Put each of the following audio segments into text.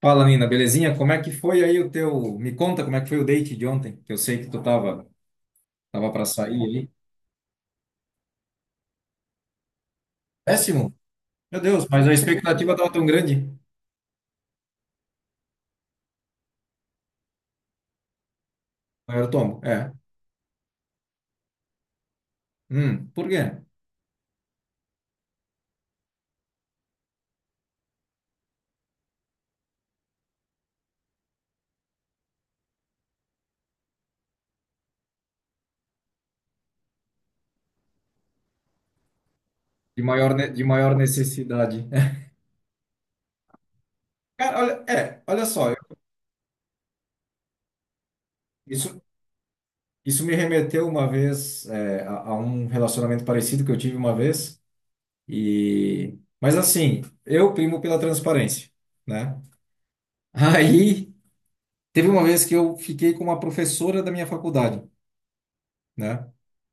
Fala, Nina, belezinha? Como é que foi aí o teu. Me conta como é que foi o date de ontem, que eu sei que tu tava para sair aí. Péssimo! Meu Deus, mas a expectativa tava tão grande. Maior tomo, é. Por quê? De maior, de maior necessidade. Cara, olha, é, olha só, isso, isso me remeteu uma vez a um relacionamento parecido que eu tive uma vez. E, mas assim, eu primo pela transparência, né? Aí teve uma vez que eu fiquei com uma professora da minha faculdade, né?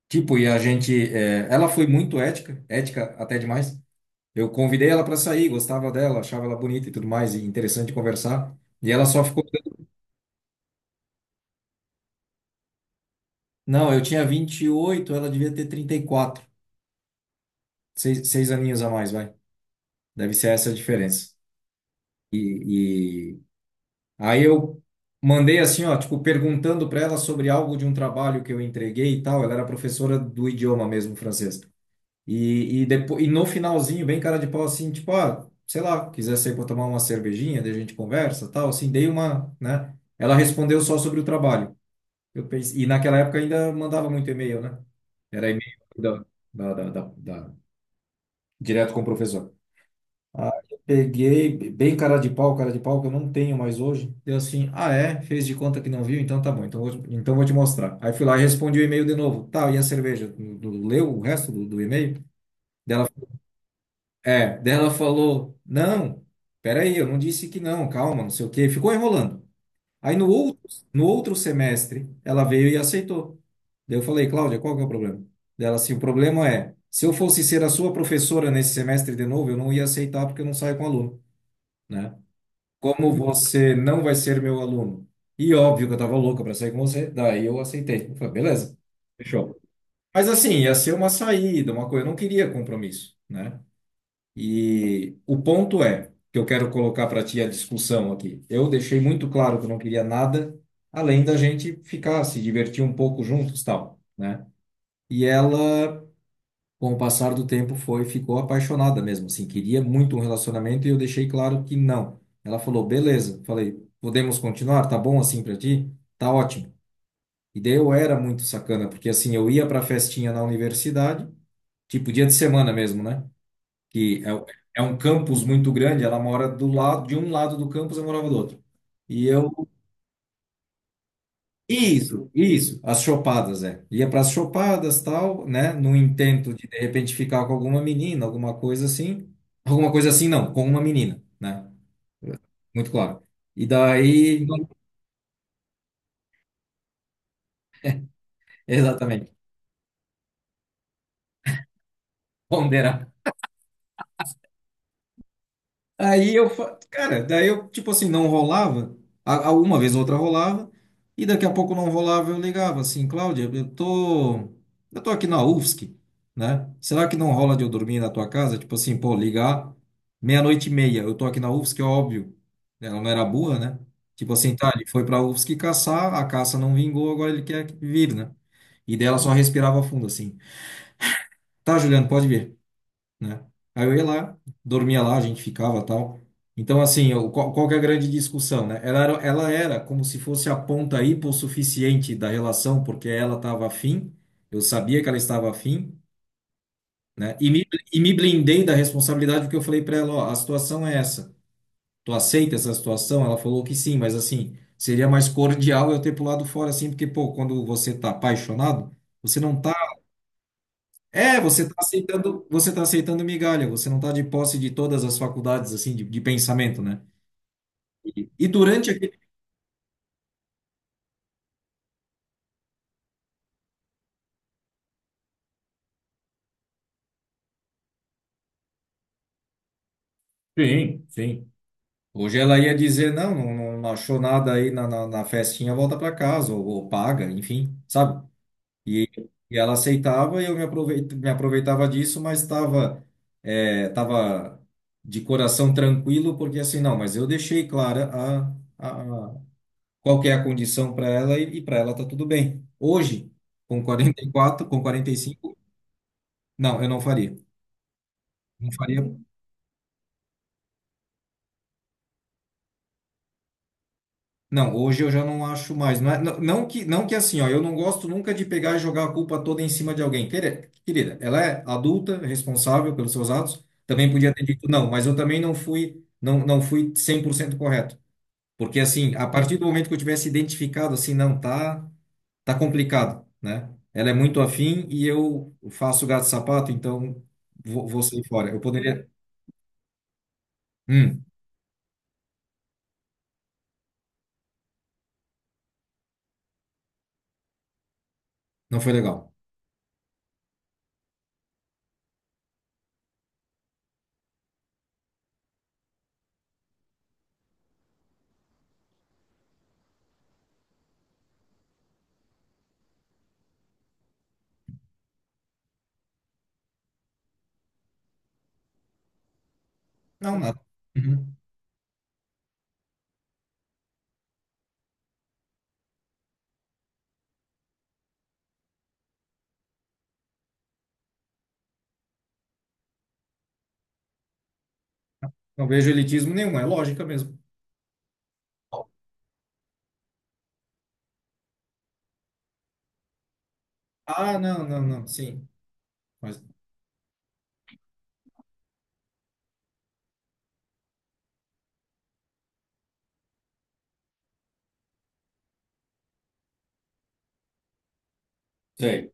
Tipo, ela foi muito ética, ética até demais. Eu convidei ela para sair, gostava dela, achava ela bonita e tudo mais, e interessante conversar. E ela só ficou. Não, eu tinha 28, ela devia ter 34. Seis aninhos a mais, vai. Deve ser essa a diferença. E aí eu mandei assim, ó, tipo, perguntando para ela sobre algo de um trabalho que eu entreguei e tal. Ela era professora do idioma mesmo, francês. E depois, no finalzinho, bem cara de pau, assim, tipo, ah, sei lá, quiser sair para tomar uma cervejinha, daí a gente conversa, tal, assim, dei uma, né? Ela respondeu só sobre o trabalho. Eu pensei, e naquela época ainda mandava muito e-mail, né? Era e-mail da direto com o professor. Aí eu peguei, bem cara de pau, que eu não tenho mais hoje. Deu assim, ah, é? Fez de conta que não viu, então tá bom, então vou te mostrar. Aí fui lá e respondi o e-mail de novo. Tá, e a cerveja? Tu leu o resto do e-mail dela? É, daí ela falou: não, peraí, eu não disse que não, calma, não sei o quê. Ficou enrolando. Aí no outro semestre, ela veio e aceitou. Daí eu falei: Cláudia, qual que é o problema? Daí ela assim: o problema é, se eu fosse ser a sua professora nesse semestre de novo, eu não ia aceitar porque eu não saio com aluno, né? Como você não vai ser meu aluno? E óbvio que eu tava louca para sair com você, daí eu aceitei. Eu falei: beleza, fechou. Mas assim, ia ser uma saída, uma coisa, eu não queria compromisso, né? E o ponto é que eu quero colocar para ti a discussão aqui. Eu deixei muito claro que eu não queria nada além da gente ficar, se divertir um pouco juntos, tal, né? E ela, com o passar do tempo, foi, ficou apaixonada mesmo, assim, queria muito um relacionamento e eu deixei claro que não. Ela falou, beleza. Falei, podemos continuar? Tá bom assim para ti? Tá ótimo. E daí eu era muito sacana, porque assim, eu ia para festinha na universidade, tipo dia de semana mesmo, né? que é, É um campus muito grande, ela mora do lado de um lado do campus, eu morava do outro. E eu Isso, isso, as chopadas, é. Ia para as chopadas, tal, né, no intento de repente ficar com alguma menina, alguma coisa assim. Alguma coisa assim não, com uma menina, né? Muito claro. E daí, exatamente. Ponderar. Aí eu, cara, daí eu, tipo assim, não rolava. Uma vez ou outra rolava. E daqui a pouco não rolava, eu ligava assim, Cláudia, eu tô aqui na UFSC, né? Será que não rola de eu dormir na tua casa? Tipo assim, pô, ligar meia-noite e meia, eu tô aqui na UFSC, é óbvio. Ela não era burra, né? Tipo assim, tá, ele foi pra UFSC caçar, a caça não vingou, agora ele quer vir, né? E dela só respirava fundo assim. Tá, Juliano, pode vir, né? Aí eu ia lá, dormia lá, a gente ficava tal. Então, assim, eu, qual, qual que é a grande discussão, né? Ela era como se fosse a ponta hipossuficiente da relação, porque ela estava afim, eu sabia que ela estava afim, né? E me blindei da responsabilidade, porque eu falei para ela, ó, a situação é essa. Tu aceita essa situação? Ela falou que sim, mas assim, seria mais cordial eu ter pulado fora, assim, porque, pô, quando você tá apaixonado, você não tá é, você está aceitando, você tá aceitando migalha, você não está de posse de todas as faculdades assim de pensamento, né? E durante aquele. Sim, sim. Hoje ela ia dizer, não, não, não achou nada aí na festinha, volta para casa, ou paga, enfim, sabe? E, e ela aceitava e eu me aproveitava disso, mas tava de coração tranquilo, porque assim, não, mas eu deixei clara qual que é a condição para ela e para ela tá tudo bem. Hoje, com 44, com 45, não, eu não faria. Não faria. Não, hoje eu já não acho mais. Não, não, não que assim, ó, eu não gosto nunca de pegar e jogar a culpa toda em cima de alguém. Querida, querida, ela é adulta, responsável pelos seus atos. Também podia ter dito não, mas eu também não fui, não, não fui 100% correto. Porque assim, a partir do momento que eu tivesse identificado assim, não tá. Tá complicado, né? Ela é muito afim e eu faço gato-sapato, então vou sair fora. Eu poderia. Hum, não foi legal. Não, nada. Uhum. Não vejo elitismo nenhum, é lógica mesmo. Ah, não, não, não, sim. Mas sei.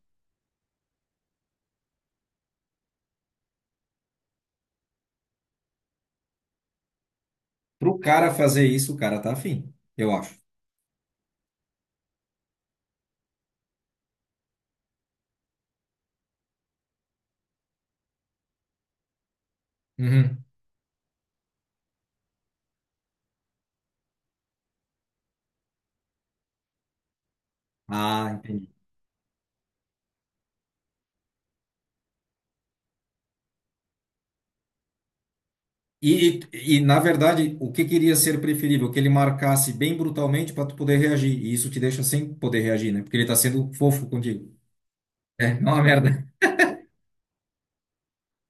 Pro cara fazer isso, o cara tá afim, eu acho. Uhum. Ah, entendi. E, na verdade, o que queria ser preferível? Que ele marcasse bem brutalmente para tu poder reagir. E isso te deixa sem poder reagir, né? Porque ele tá sendo fofo contigo. É, não é uma merda.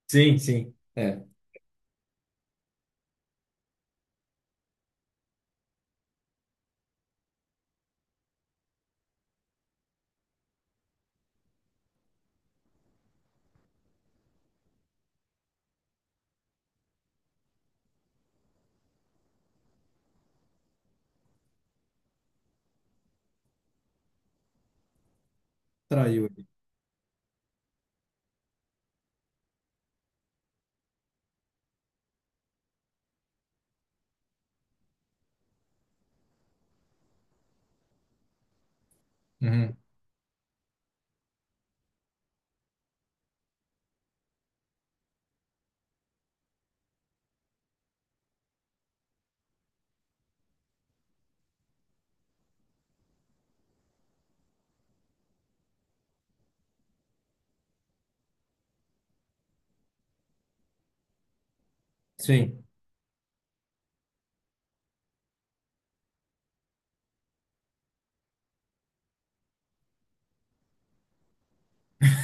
Sim, sim. É. Traiu ele. Uhum. Sim.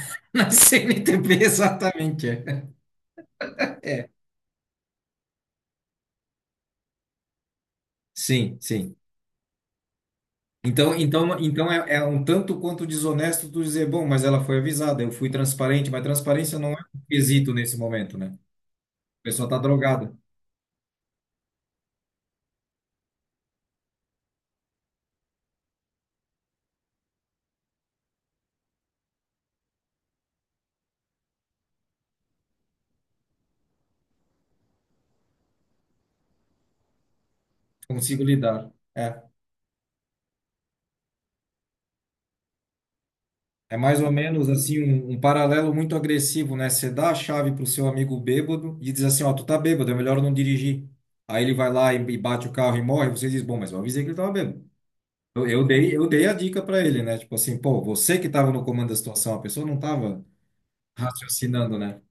Na CNTP, exatamente. É. Sim, sim. Então é, é um tanto quanto desonesto tu dizer, bom, mas ela foi avisada, eu fui transparente, mas transparência não é um quesito nesse momento, né? A pessoa está drogada, consigo lidar. é, mais ou menos assim um paralelo muito agressivo, né? Você dá a chave pro seu amigo bêbado e diz assim, ó, tu tá bêbado, é melhor não dirigir. Aí ele vai lá e bate o carro e morre, você diz, bom, mas eu avisei que ele estava bêbado. Eu dei a dica para ele, né? Tipo assim, pô, você que estava no comando da situação, a pessoa não estava raciocinando, né?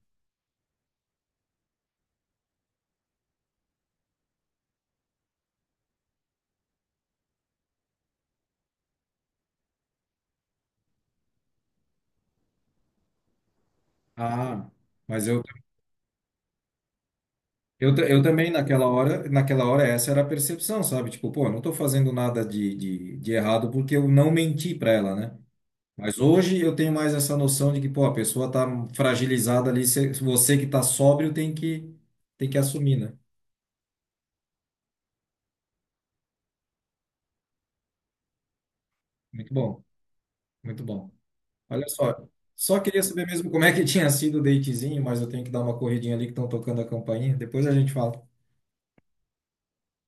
Ah, mas eu também naquela hora essa era a percepção, sabe? Tipo, pô, eu não estou fazendo nada de errado porque eu não menti para ela, né? Mas hoje eu tenho mais essa noção de que, pô, a pessoa tá fragilizada ali, você que tá sóbrio tem que assumir, né? Muito bom, muito bom. Olha só, só queria saber mesmo como é que tinha sido o datezinho, mas eu tenho que dar uma corridinha ali que estão tocando a campainha. Depois a gente fala.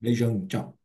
Beijão, tchau.